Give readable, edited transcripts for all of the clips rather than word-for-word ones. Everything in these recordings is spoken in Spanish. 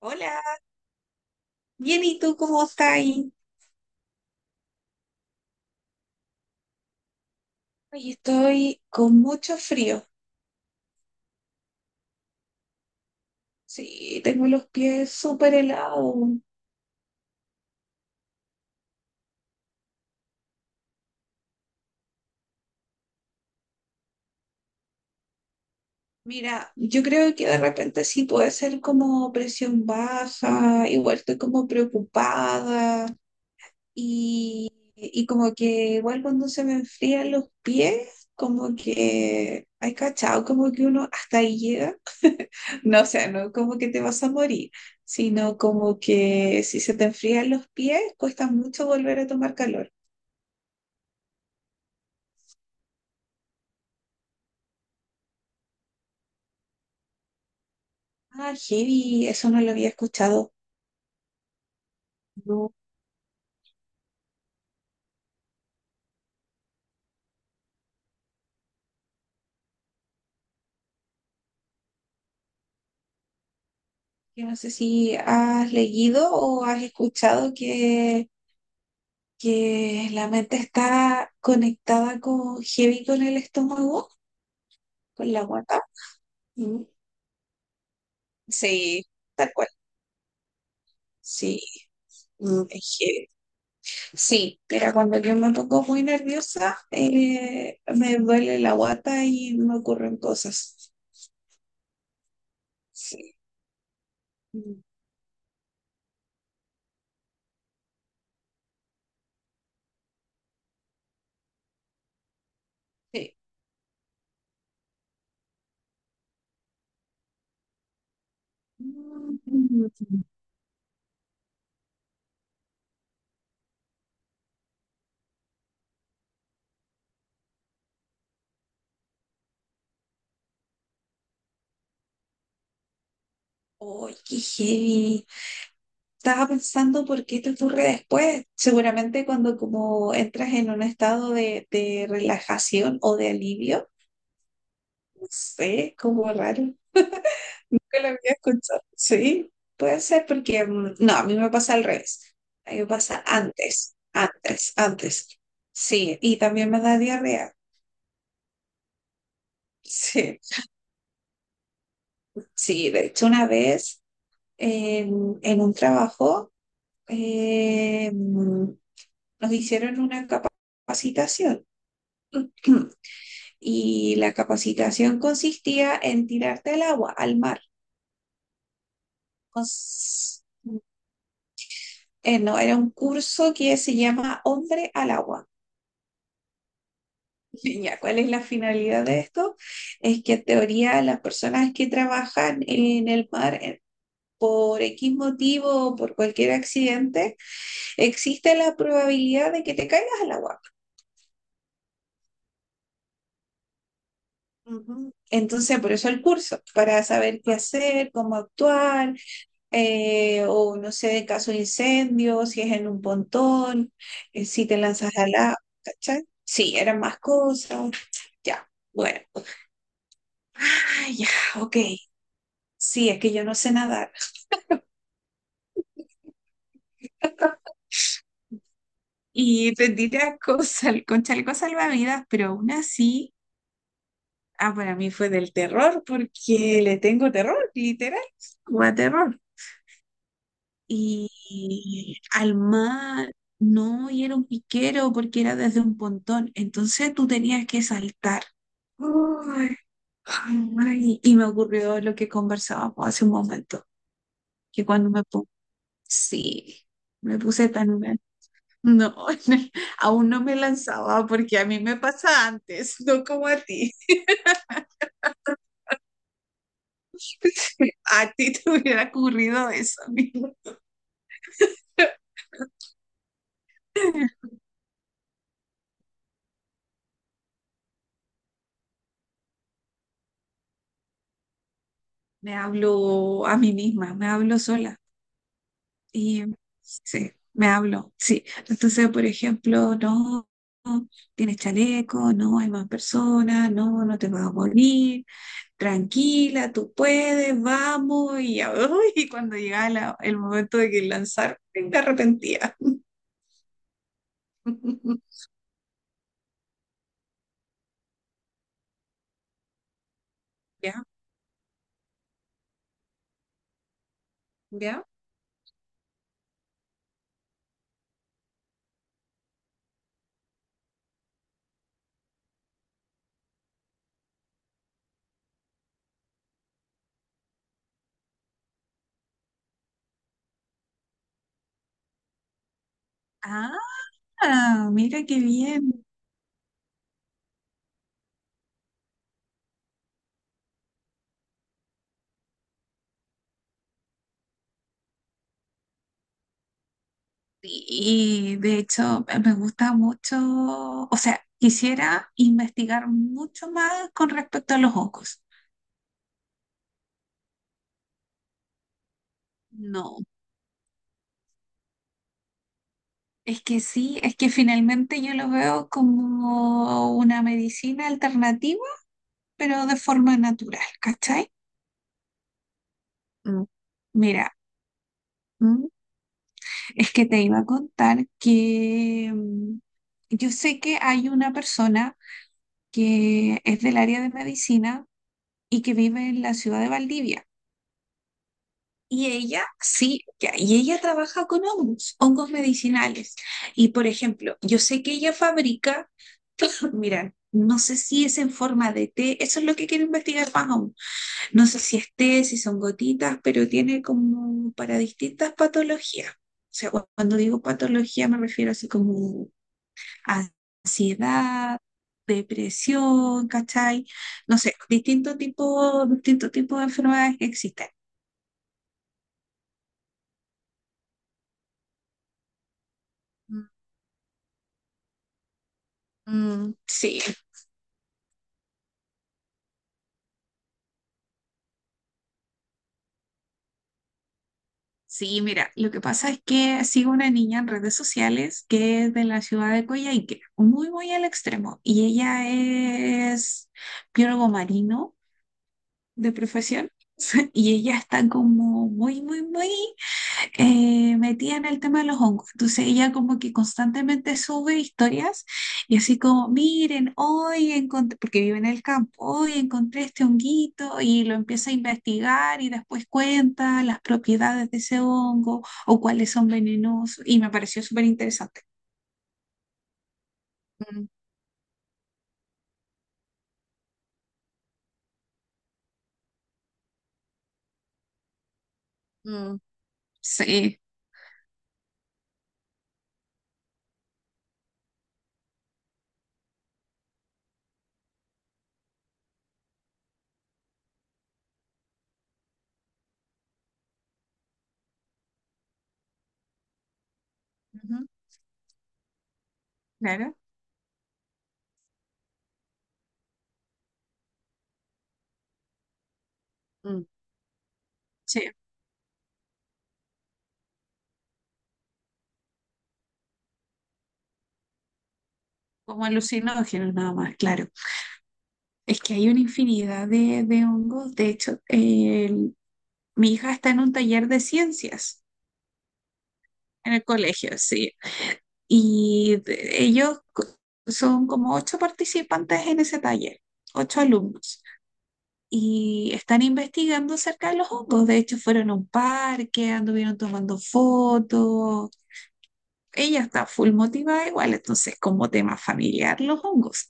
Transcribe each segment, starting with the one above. Hola, bien, ¿y tú cómo estás? Hoy estoy con mucho frío. Sí, tengo los pies súper helados. Mira, yo creo que de repente sí puede ser como presión baja, igual estoy como preocupada y como que igual cuando se me enfrían los pies, como que hay cachado, como que uno hasta ahí llega. No, o sea, no como que te vas a morir, sino como que si se te enfrían los pies, cuesta mucho volver a tomar calor. Ah, heavy, eso no lo había escuchado. No, yo no sé si has leído o has escuchado que la mente está conectada con heavy con el estómago, con la guata. Mm. Sí, tal cual. Sí, es heavy. Sí, mira, cuando yo me pongo muy nerviosa, me duele la guata y me ocurren cosas. Sí. Sí. Mm. Oye, qué heavy. Estaba pensando por qué te ocurre después. Seguramente cuando como entras en un estado de relajación o de alivio, no sé, como raro. Nunca lo había escuchado. Sí, puede ser porque, no, a mí me pasa al revés. A mí me pasa antes, antes, antes. Sí, y también me da diarrea. Sí, sí, de hecho una vez en un trabajo eh, mm, nos hicieron una capacitación. Y la capacitación consistía en tirarte al agua, al mar. Cons- no, era un curso que se llama Hombre al agua. Ya, ¿cuál es la finalidad de esto? Es que en teoría las personas que trabajan en el mar, por X motivo o por cualquier accidente, existe la probabilidad de que te caigas al agua. Ujú. Entonces, por eso el curso, para saber qué hacer, cómo actuar, o no sé, en caso de incendio, si es en un pontón, si te lanzas al agua, ¿cachai? Sí, eran más cosas. Ya, bueno. Ah, ya, ok. Sí, es que yo no sé nadar. Y tendí a con chaleco salvavidas, pero aún así, ah, para mí fue del terror, porque le tengo terror, literal, como a terror. Y al mar, no, y era un piquero porque era desde un pontón, entonces tú tenías que saltar. Ay, ay, y me ocurrió lo que conversábamos hace un momento, que cuando me puse, sí, me puse tan... No, aún no me lanzaba porque a mí me pasa antes, no como a ti. A ti te hubiera ocurrido eso, amiga. Me hablo a mí misma, me hablo sola. Y sí, me hablo, sí. Entonces, por ejemplo, no, no, tienes chaleco, no hay más personas, no, no te vas a morir, tranquila, tú puedes, vamos. Y ya, uy, y cuando llegaba el momento de que lanzar, me arrepentía. ¿Ya? Ah, mira qué bien. Y de hecho, me gusta mucho, o sea, quisiera investigar mucho más con respecto a los hongos. No, es que sí, es que finalmente yo lo veo como una medicina alternativa, pero de forma natural, ¿cachai? Mm. Mira, ¿m? Es que te iba a contar que, yo sé que hay una persona que es del área de medicina y que vive en la ciudad de Valdivia. Y ella, sí, ya, y ella trabaja con hongos, hongos medicinales. Y por ejemplo, yo sé que ella fabrica, mira, no sé si es en forma de té, eso es lo que quiero investigar más aún. No sé si es té, si son gotitas, pero tiene como para distintas patologías. O sea, cuando digo patología me refiero así como ansiedad, depresión, ¿cachai? No sé, distinto tipo de enfermedades que existen. Mm, sí, sí, mira, lo que pasa es que sigo una niña en redes sociales que es de la ciudad de Coyhaique, muy, muy al extremo, y ella es biólogo marino de profesión, y ella está como muy, muy, muy, metida en el tema de los hongos. Entonces ella como que constantemente sube historias y así como, miren, hoy encontré, porque vive en el campo, hoy encontré este honguito y lo empieza a investigar y después cuenta las propiedades de ese hongo o cuáles son venenosos y me pareció súper interesante. Mm, mm, sí, ujú, claro. Mm. Sí, como alucinógenos nada más, claro. Es que hay una infinidad de hongos. De hecho, mi hija está en un taller de ciencias en el colegio, sí. Y de- ellos co- Son como ocho participantes en ese taller, ocho alumnos. Y están investigando acerca de los hongos. De hecho, fueron a un parque, anduvieron tomando fotos. Ella está full motivada igual, entonces como tema familiar los hongos.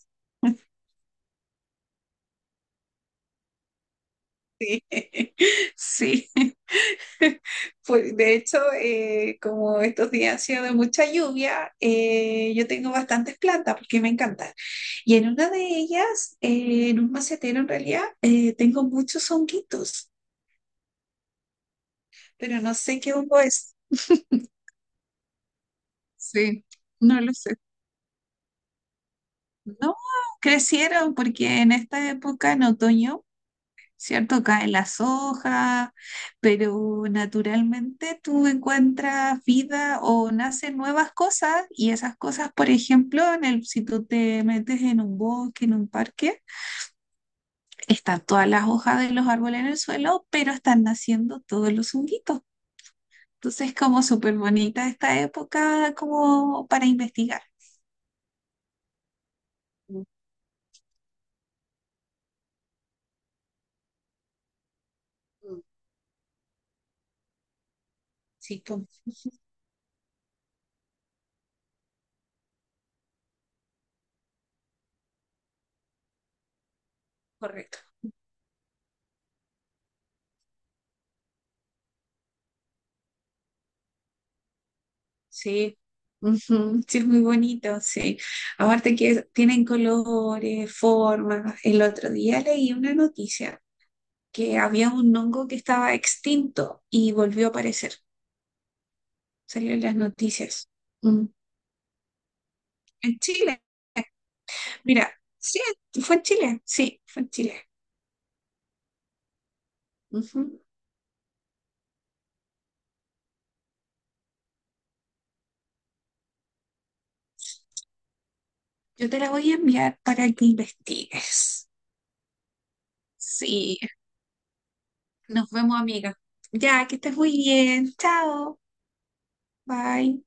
Sí. Pues, de hecho, como estos días han sido de mucha lluvia, yo tengo bastantes plantas porque me encantan. Y en una de ellas, en un macetero en realidad, tengo muchos honguitos, pero no sé qué hongo es. Sí, no lo sé. No, crecieron porque en esta época, en otoño, ¿cierto? Caen las hojas, pero naturalmente tú encuentras vida o nacen nuevas cosas y esas cosas, por ejemplo, en el, si tú te metes en un bosque, en un parque, están todas las hojas de los árboles en el suelo, pero están naciendo todos los honguitos. Entonces, como súper bonita esta época como para investigar. Ujú. Sí, pues, correcto. Sí, ujú, sí, es muy bonito, sí. Aparte que tienen colores, formas. El otro día leí una noticia que había un hongo que estaba extinto y volvió a aparecer. Salió en las noticias. Mm. En Chile, mira, sí, fue en Chile, sí, fue en Chile. Ujú. Yo te la voy a enviar para que investigues. Sí, nos vemos, amiga. Ya, que estés muy bien. Chao. Bye.